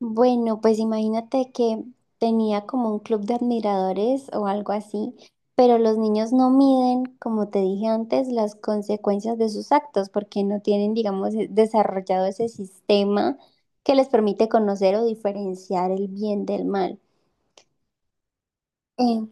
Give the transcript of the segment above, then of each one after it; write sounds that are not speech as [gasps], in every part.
Bueno, pues imagínate que tenía como un club de admiradores o algo así, pero los niños no miden, como te dije antes, las consecuencias de sus actos porque no tienen, digamos, desarrollado ese sistema que les permite conocer o diferenciar el bien del mal. Eh,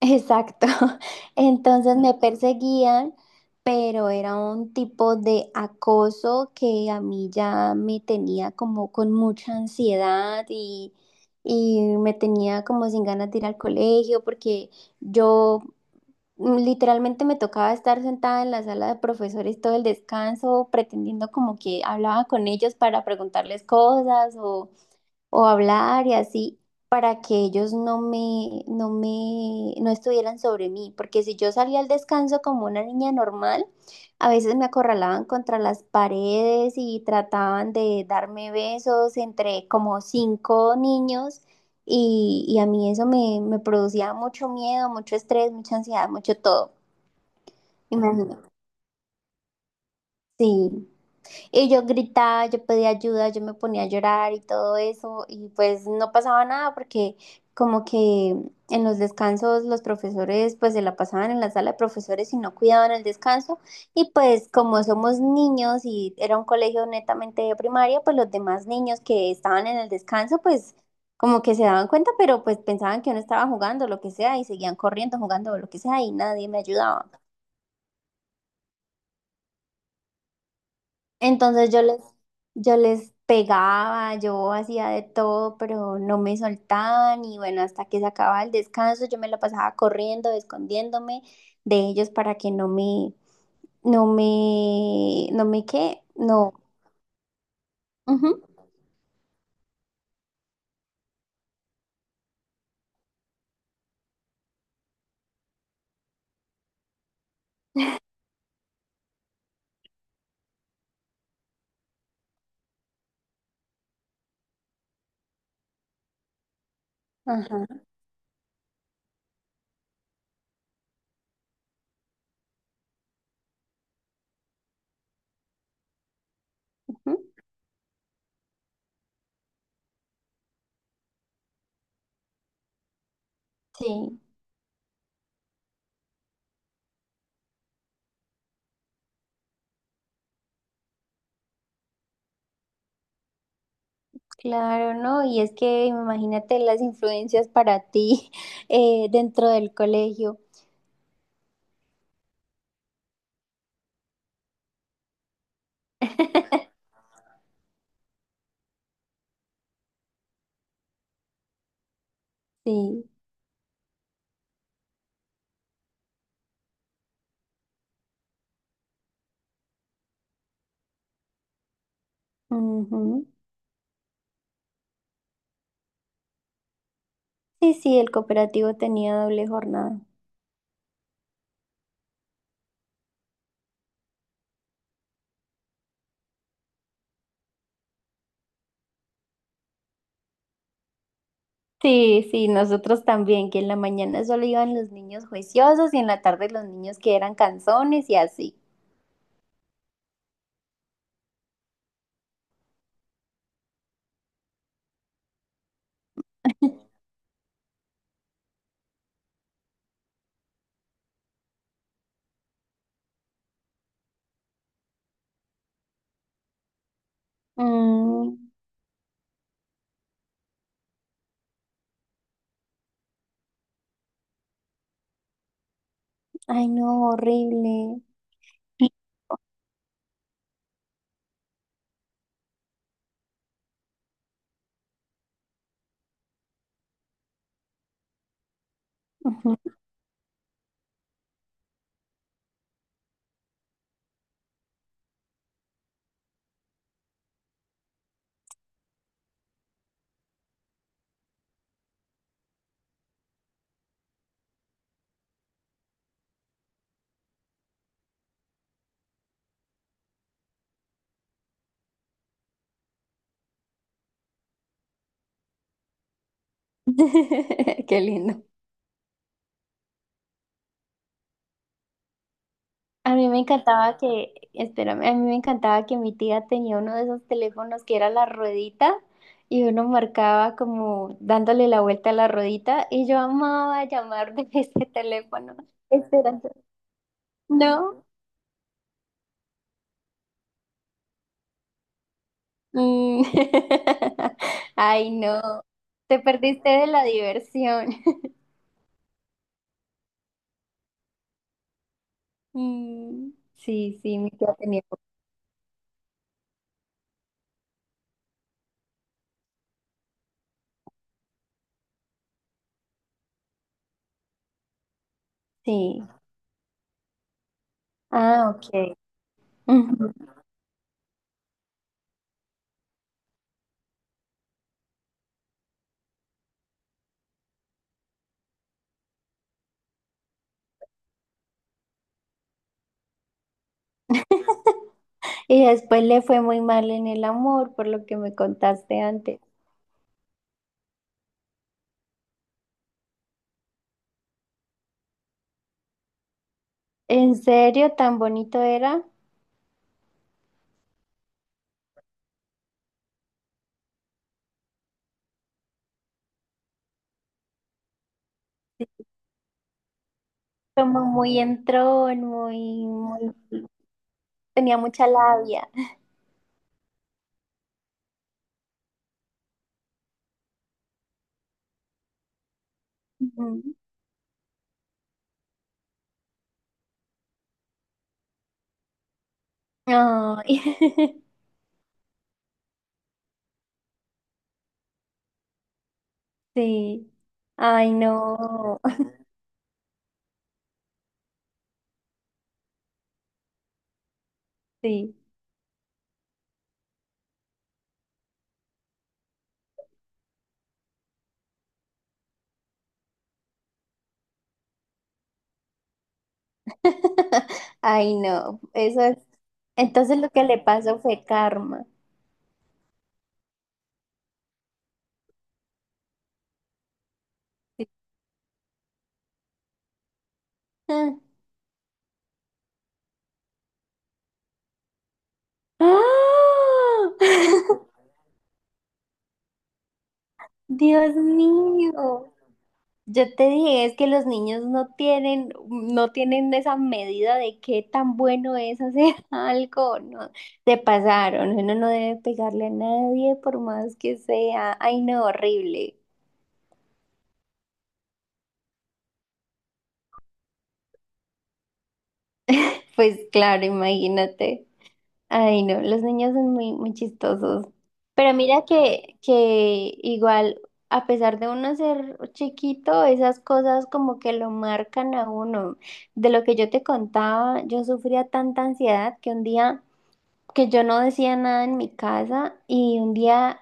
Exacto. [laughs] Entonces me perseguían, pero era un tipo de acoso que a mí ya me tenía como con mucha ansiedad y me tenía como sin ganas de ir al colegio porque yo literalmente me tocaba estar sentada en la sala de profesores todo el descanso pretendiendo como que hablaba con ellos para preguntarles cosas o hablar y así para que ellos no estuvieran sobre mí, porque si yo salía al descanso como una niña normal, a veces me acorralaban contra las paredes y trataban de darme besos entre como cinco niños y a mí me producía mucho miedo, mucho estrés, mucha ansiedad, mucho todo, imagínate. Sí. Y yo gritaba, yo pedía ayuda, yo me ponía a llorar y todo eso, y pues no pasaba nada porque como que en los descansos los profesores pues se la pasaban en la sala de profesores y no cuidaban el descanso, y pues como somos niños y era un colegio netamente de primaria, pues los demás niños que estaban en el descanso pues como que se daban cuenta, pero pues pensaban que uno estaba jugando lo que sea y seguían corriendo, jugando lo que sea y nadie me ayudaba. Entonces yo les, yo les pegaba, yo hacía de todo, pero no me soltaban y bueno, hasta que se acababa el descanso, yo me la pasaba corriendo, escondiéndome de ellos para que no me qué, no. Ujú, ajá, ujú. Sí, claro, ¿no? Y es que imagínate las influencias para ti [laughs] dentro del colegio. Sí, ujú. Sí, sí, el cooperativo tenía doble jornada. Sí, sí, nosotros también, que en la mañana solo iban los niños juiciosos y en la tarde los niños que eran canzones y así. [laughs] Mm, ay, no, horrible. Ujú. [laughs] Qué lindo. A mí me encantaba que, espérame, a mí me encantaba que mi tía tenía uno de esos teléfonos que era la ruedita y uno marcaba como dándole la vuelta a la ruedita y yo amaba llamar de [laughs] ese teléfono. Esperando. No. Mm. [laughs] Ay, no, te perdiste de la diversión. [laughs] Mm, sí, sí, mi tía tenía. Sí. Ah, ok. Ujú. Y después le fue muy mal en el amor, por lo que me contaste antes. ¿En serio? ¿Tan bonito era? Sí, como muy entrón, muy, muy... Tenía mucha labia. Ujú. Ay, [laughs] sí. Ay, no. [laughs] Sí. [laughs] Ay, no, eso es. Entonces lo que le pasó fue karma. Ah. ¡Ah! [laughs] Dios mío. Yo te dije, es que los niños no tienen esa medida de qué tan bueno es hacer [laughs] algo, ¿no? Se pasaron, uno no debe pegarle a nadie por más que sea. Ay, no, horrible. Pues claro, imagínate. Ay, no, los niños son muy, muy chistosos. Pero mira que igual, a pesar de uno ser chiquito, esas cosas como que lo marcan a uno. De lo que yo te contaba, yo sufría tanta ansiedad que un día que yo no decía nada en mi casa y un día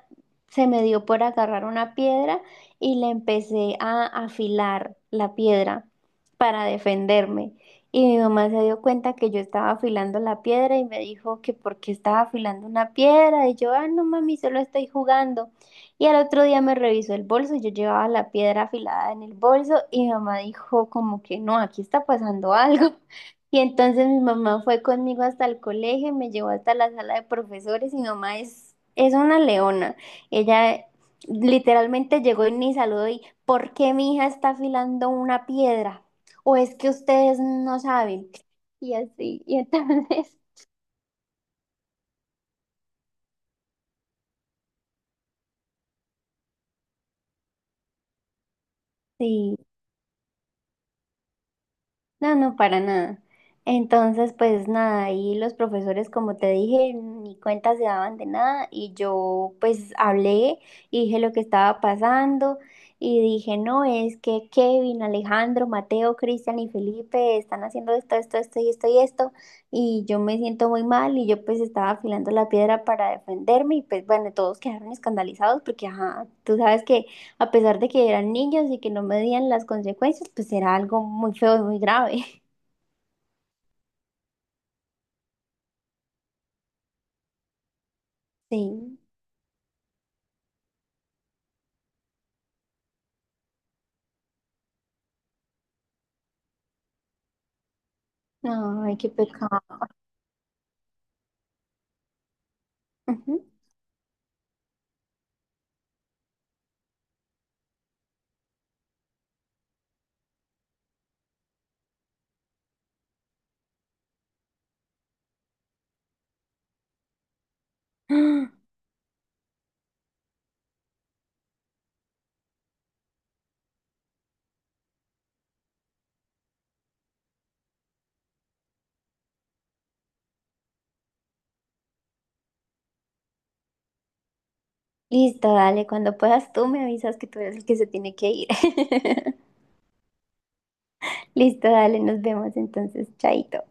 se me dio por agarrar una piedra y le empecé a afilar la piedra para defenderme. Y mi mamá se dio cuenta que yo estaba afilando la piedra y me dijo que por qué estaba afilando una piedra. Y yo, ah, no mami, solo estoy jugando. Y al otro día me revisó el bolso, yo llevaba la piedra afilada en el bolso y mi mamá dijo como que no, aquí está pasando algo. Y entonces mi mamá fue conmigo hasta el colegio, me llevó hasta la sala de profesores y mi mamá es una leona. Ella literalmente llegó y me saludó y ¿por qué mi hija está afilando una piedra? ¿O es que ustedes no saben? Y así, y entonces, [laughs] sí. No, no, para nada. Entonces, pues nada, y los profesores, como te dije, ni cuenta se daban de nada y yo pues hablé y dije lo que estaba pasando y dije, no, es que Kevin, Alejandro, Mateo, Cristian y Felipe están haciendo esto, esto, esto y esto y esto y yo me siento muy mal y yo pues estaba afilando la piedra para defenderme y pues bueno, todos quedaron escandalizados porque, ajá, tú sabes que a pesar de que eran niños y que no medían las consecuencias, pues era algo muy feo y muy grave. [laughs] Sí. Ay, qué pecado. Ujú. [gasps] Listo, dale. Cuando puedas tú me avisas que tú eres el que se tiene que ir. [laughs] Listo, dale. Nos vemos entonces. Chaito.